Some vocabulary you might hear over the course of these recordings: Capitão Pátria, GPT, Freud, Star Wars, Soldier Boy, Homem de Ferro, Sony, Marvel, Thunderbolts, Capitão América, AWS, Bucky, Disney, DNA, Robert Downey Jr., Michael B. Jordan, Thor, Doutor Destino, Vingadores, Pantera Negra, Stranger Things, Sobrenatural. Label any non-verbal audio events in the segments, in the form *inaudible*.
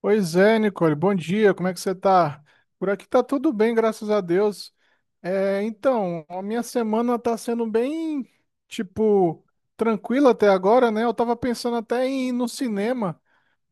Pois é, Nicole, bom dia, como é que você tá? Por aqui tá tudo bem, graças a Deus. A minha semana tá sendo bem, tipo, tranquila até agora, né? Eu tava pensando até em ir no cinema,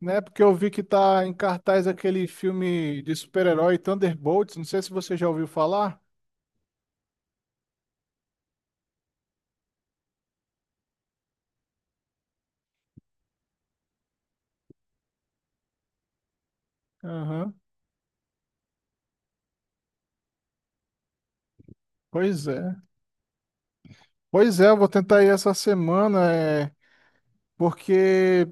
né? Porque eu vi que tá em cartaz aquele filme de super-herói Thunderbolts, não sei se você já ouviu falar. Aham. Pois é. Pois é, eu vou tentar ir essa semana, porque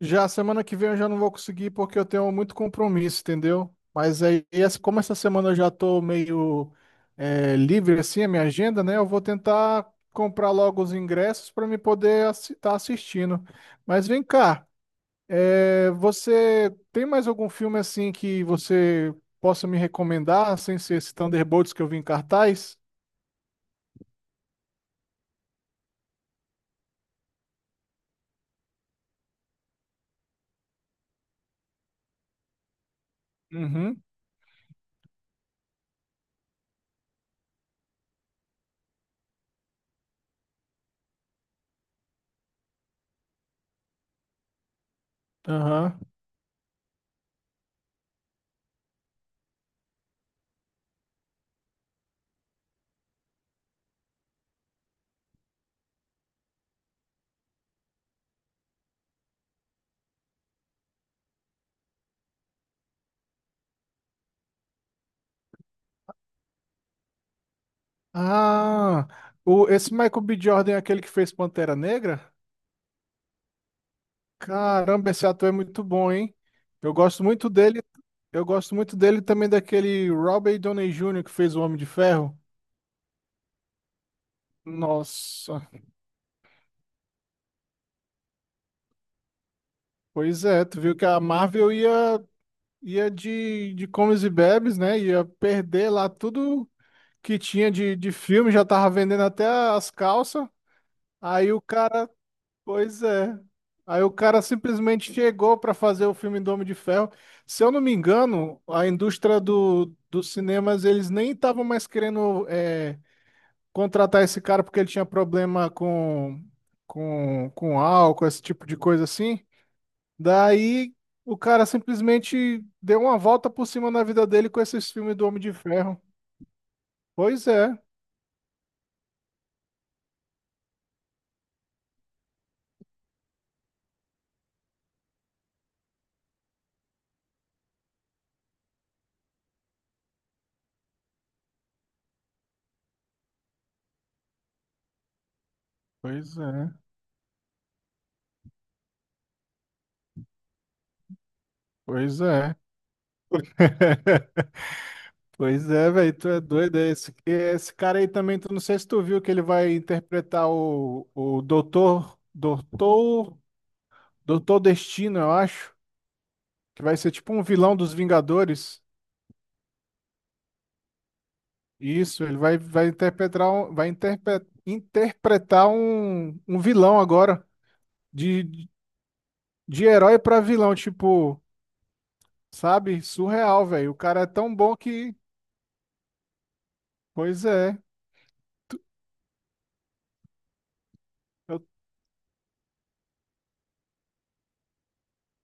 já semana que vem eu já não vou conseguir porque eu tenho muito compromisso, entendeu? Mas aí, como essa semana eu já tô meio livre assim, a minha agenda, né? Eu vou tentar comprar logo os ingressos para me poder estar assistindo. Mas vem cá, você tem mais algum filme assim que você possa me recomendar, sem ser esse Thunderbolts que eu vi em cartaz? Uhum. Aham. Ah, esse Michael B. Jordan é aquele que fez Pantera Negra? Caramba, esse ator é muito bom, hein? Eu gosto muito dele. Eu gosto muito dele também, daquele Robert Downey Jr. que fez o Homem de Ferro. Nossa, pois é, tu viu que a Marvel ia de comes e bebes, né? Ia perder lá tudo que tinha de filme, já tava vendendo até as calças. Aí o cara. Pois é. Aí o cara simplesmente chegou para fazer o filme do Homem de Ferro. Se eu não me engano, a indústria dos cinemas, eles nem estavam mais querendo contratar esse cara porque ele tinha problema com álcool, esse tipo de coisa assim. Daí o cara simplesmente deu uma volta por cima na vida dele com esses filmes do Homem de Ferro. Pois é, pois é, pois é. *laughs* Pois é, velho, tu é doido. Esse cara aí também, tu não sei se tu viu que ele vai interpretar o Doutor Destino, eu acho, que vai ser tipo um vilão dos Vingadores. Isso, ele vai interpretar, interpretar um vilão agora, de, de herói pra vilão, tipo, sabe? Surreal, velho. O cara é tão bom que, pois é, eu,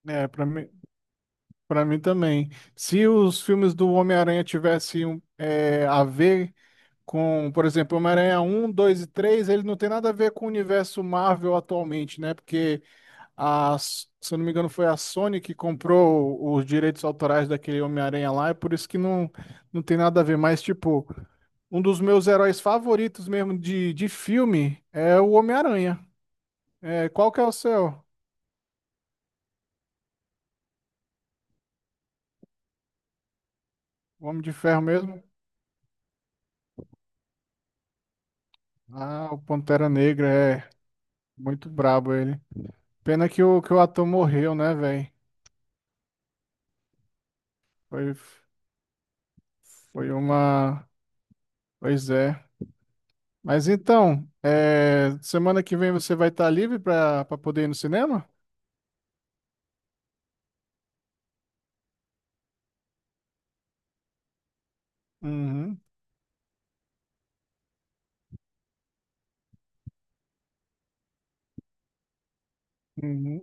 é, para pra mim também. Se os filmes do Homem-Aranha tivessem a ver com, por exemplo, Homem-Aranha um, 2 e 3, ele não tem nada a ver com o universo Marvel atualmente, né? Porque, a, se eu não me engano, foi a Sony que comprou os direitos autorais daquele Homem-Aranha lá, é por isso que não tem nada a ver. Mas, tipo, um dos meus heróis favoritos mesmo de filme é o Homem-Aranha. É, qual que é o seu? O Homem de Ferro mesmo? Ah, o Pantera Negra, é muito brabo ele. Pena que o ator morreu, né, velho? Foi, foi uma. Pois é. Mas então, semana que vem você vai estar livre para poder ir no cinema? Uhum, uhum.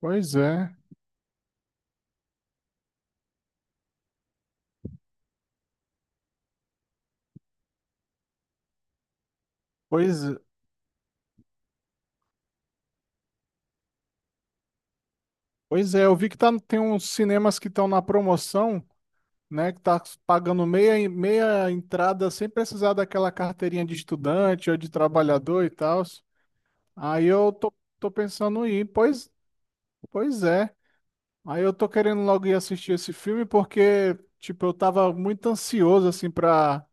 Pois é. Pois, pois é, eu vi que tá, tem uns cinemas que estão na promoção, né? Que tá pagando meia entrada sem precisar daquela carteirinha de estudante ou de trabalhador e tal. Aí eu tô, tô pensando em ir. Pois é. Aí eu tô querendo logo ir assistir esse filme porque, tipo, eu tava muito ansioso, assim,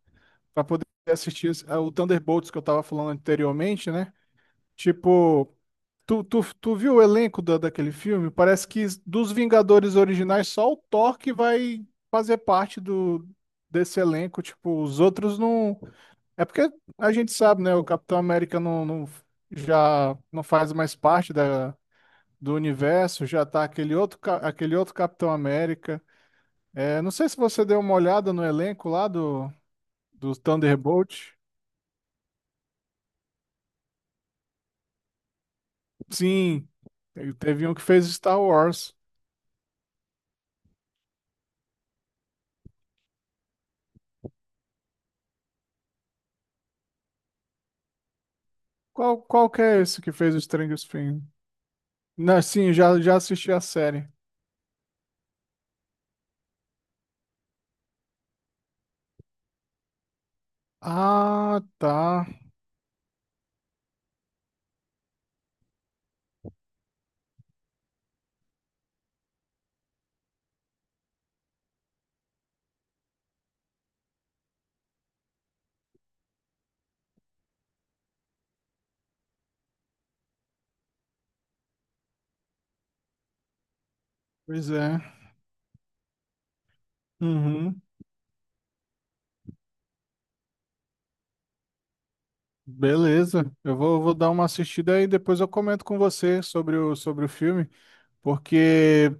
pra poder assistir ah, o Thunderbolts que eu tava falando anteriormente, né? Tipo, tu viu o elenco daquele filme? Parece que dos Vingadores originais, só o Thor que vai fazer parte desse elenco. Tipo, os outros não. É porque a gente sabe, né? O Capitão América não, já não faz mais parte do universo, já tá aquele outro, aquele outro Capitão América. É, não sei se você deu uma olhada no elenco lá do Thunderbolt. Sim, ele teve um que fez Star Wars. Qual que é esse que fez o Stranger Things? Não, sim, já assisti a série. Ah, tá. Pois é. Uhum. Beleza. Vou dar uma assistida e depois eu comento com você sobre sobre o filme, porque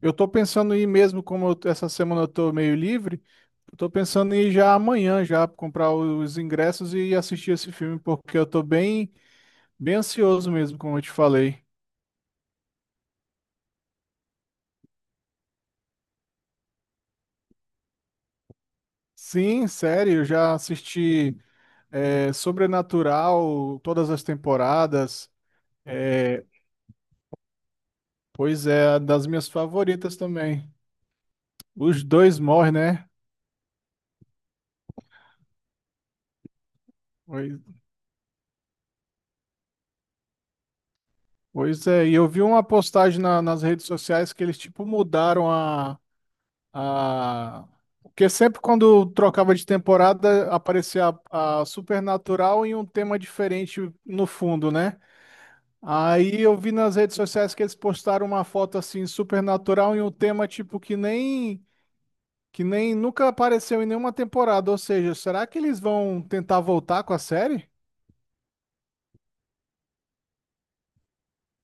eu tô pensando em ir mesmo, essa semana eu tô meio livre. Eu tô pensando em ir já amanhã já comprar os ingressos e assistir esse filme, porque eu tô bem ansioso mesmo, como eu te falei. Sim, sério, eu já assisti Sobrenatural, todas as temporadas. Pois é, das minhas favoritas também. Os dois morrem, né? Pois, pois é, e eu vi uma postagem nas redes sociais que eles tipo mudaram a. Ah, porque sempre quando trocava de temporada aparecia a Supernatural em um tema diferente no fundo, né? Aí eu vi nas redes sociais que eles postaram uma foto assim, Supernatural em um tema tipo que nem nunca apareceu em nenhuma temporada. Ou seja, será que eles vão tentar voltar com a série?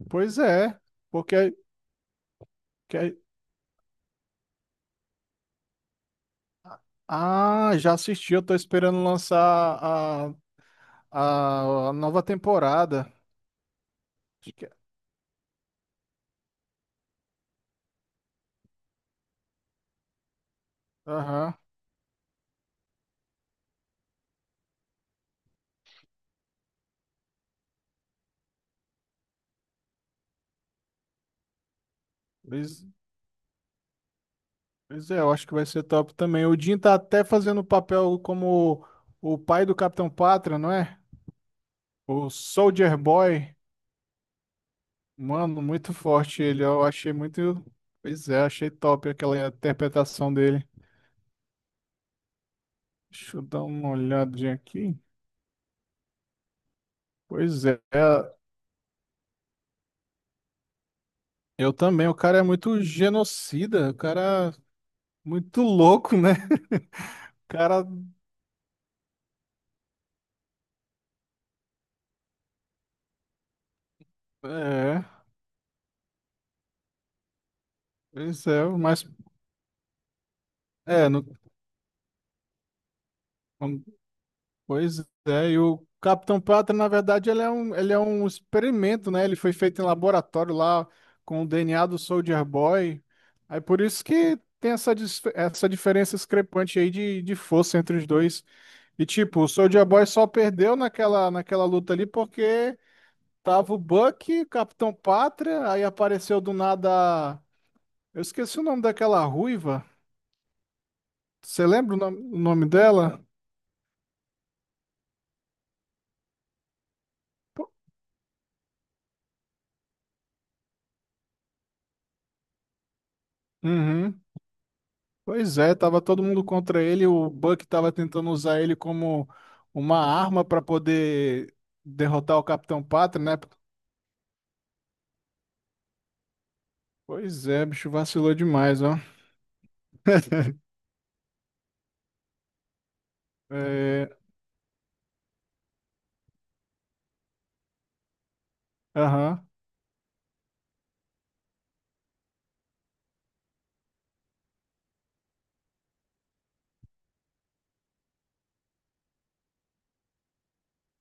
Pois é, porque que- ah, já assisti, eu tô esperando lançar a nova temporada. Acho que é. Aham. Pois, pois é, eu acho que vai ser top também. O Jim tá até fazendo o papel como o pai do Capitão Pátria, não é? O Soldier Boy. Mano, muito forte ele. Eu achei muito. Pois é, achei top aquela interpretação dele. Deixa eu dar uma olhadinha aqui. Pois é, eu também. O cara é muito genocida. O cara é muito louco, né? O cara. É, pois é, mas. É, no. Pois é, e o Capitão Pátria, na verdade, ele é um experimento, né? Ele foi feito em laboratório lá com o DNA do Soldier Boy. Aí por isso que tem essa, essa diferença discrepante aí de força entre os dois. E tipo, o Soldier Boy só perdeu naquela luta ali porque tava o Bucky, o Capitão Pátria, aí apareceu do nada. Eu esqueci o nome daquela ruiva. Você lembra o nome dela? Uhum. Pois é, tava todo mundo contra ele, o Buck tava tentando usar ele como uma arma para poder derrotar o Capitão Pátria, né? Pois é, bicho vacilou demais, ó. *laughs* É, aham.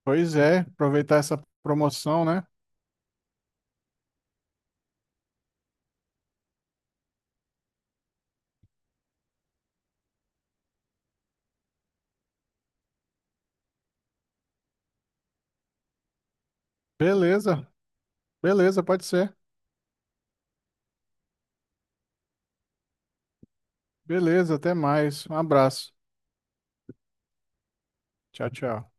Pois é, aproveitar essa promoção, né? Beleza, beleza, pode ser. Beleza, até mais. Um abraço. Tchau, tchau.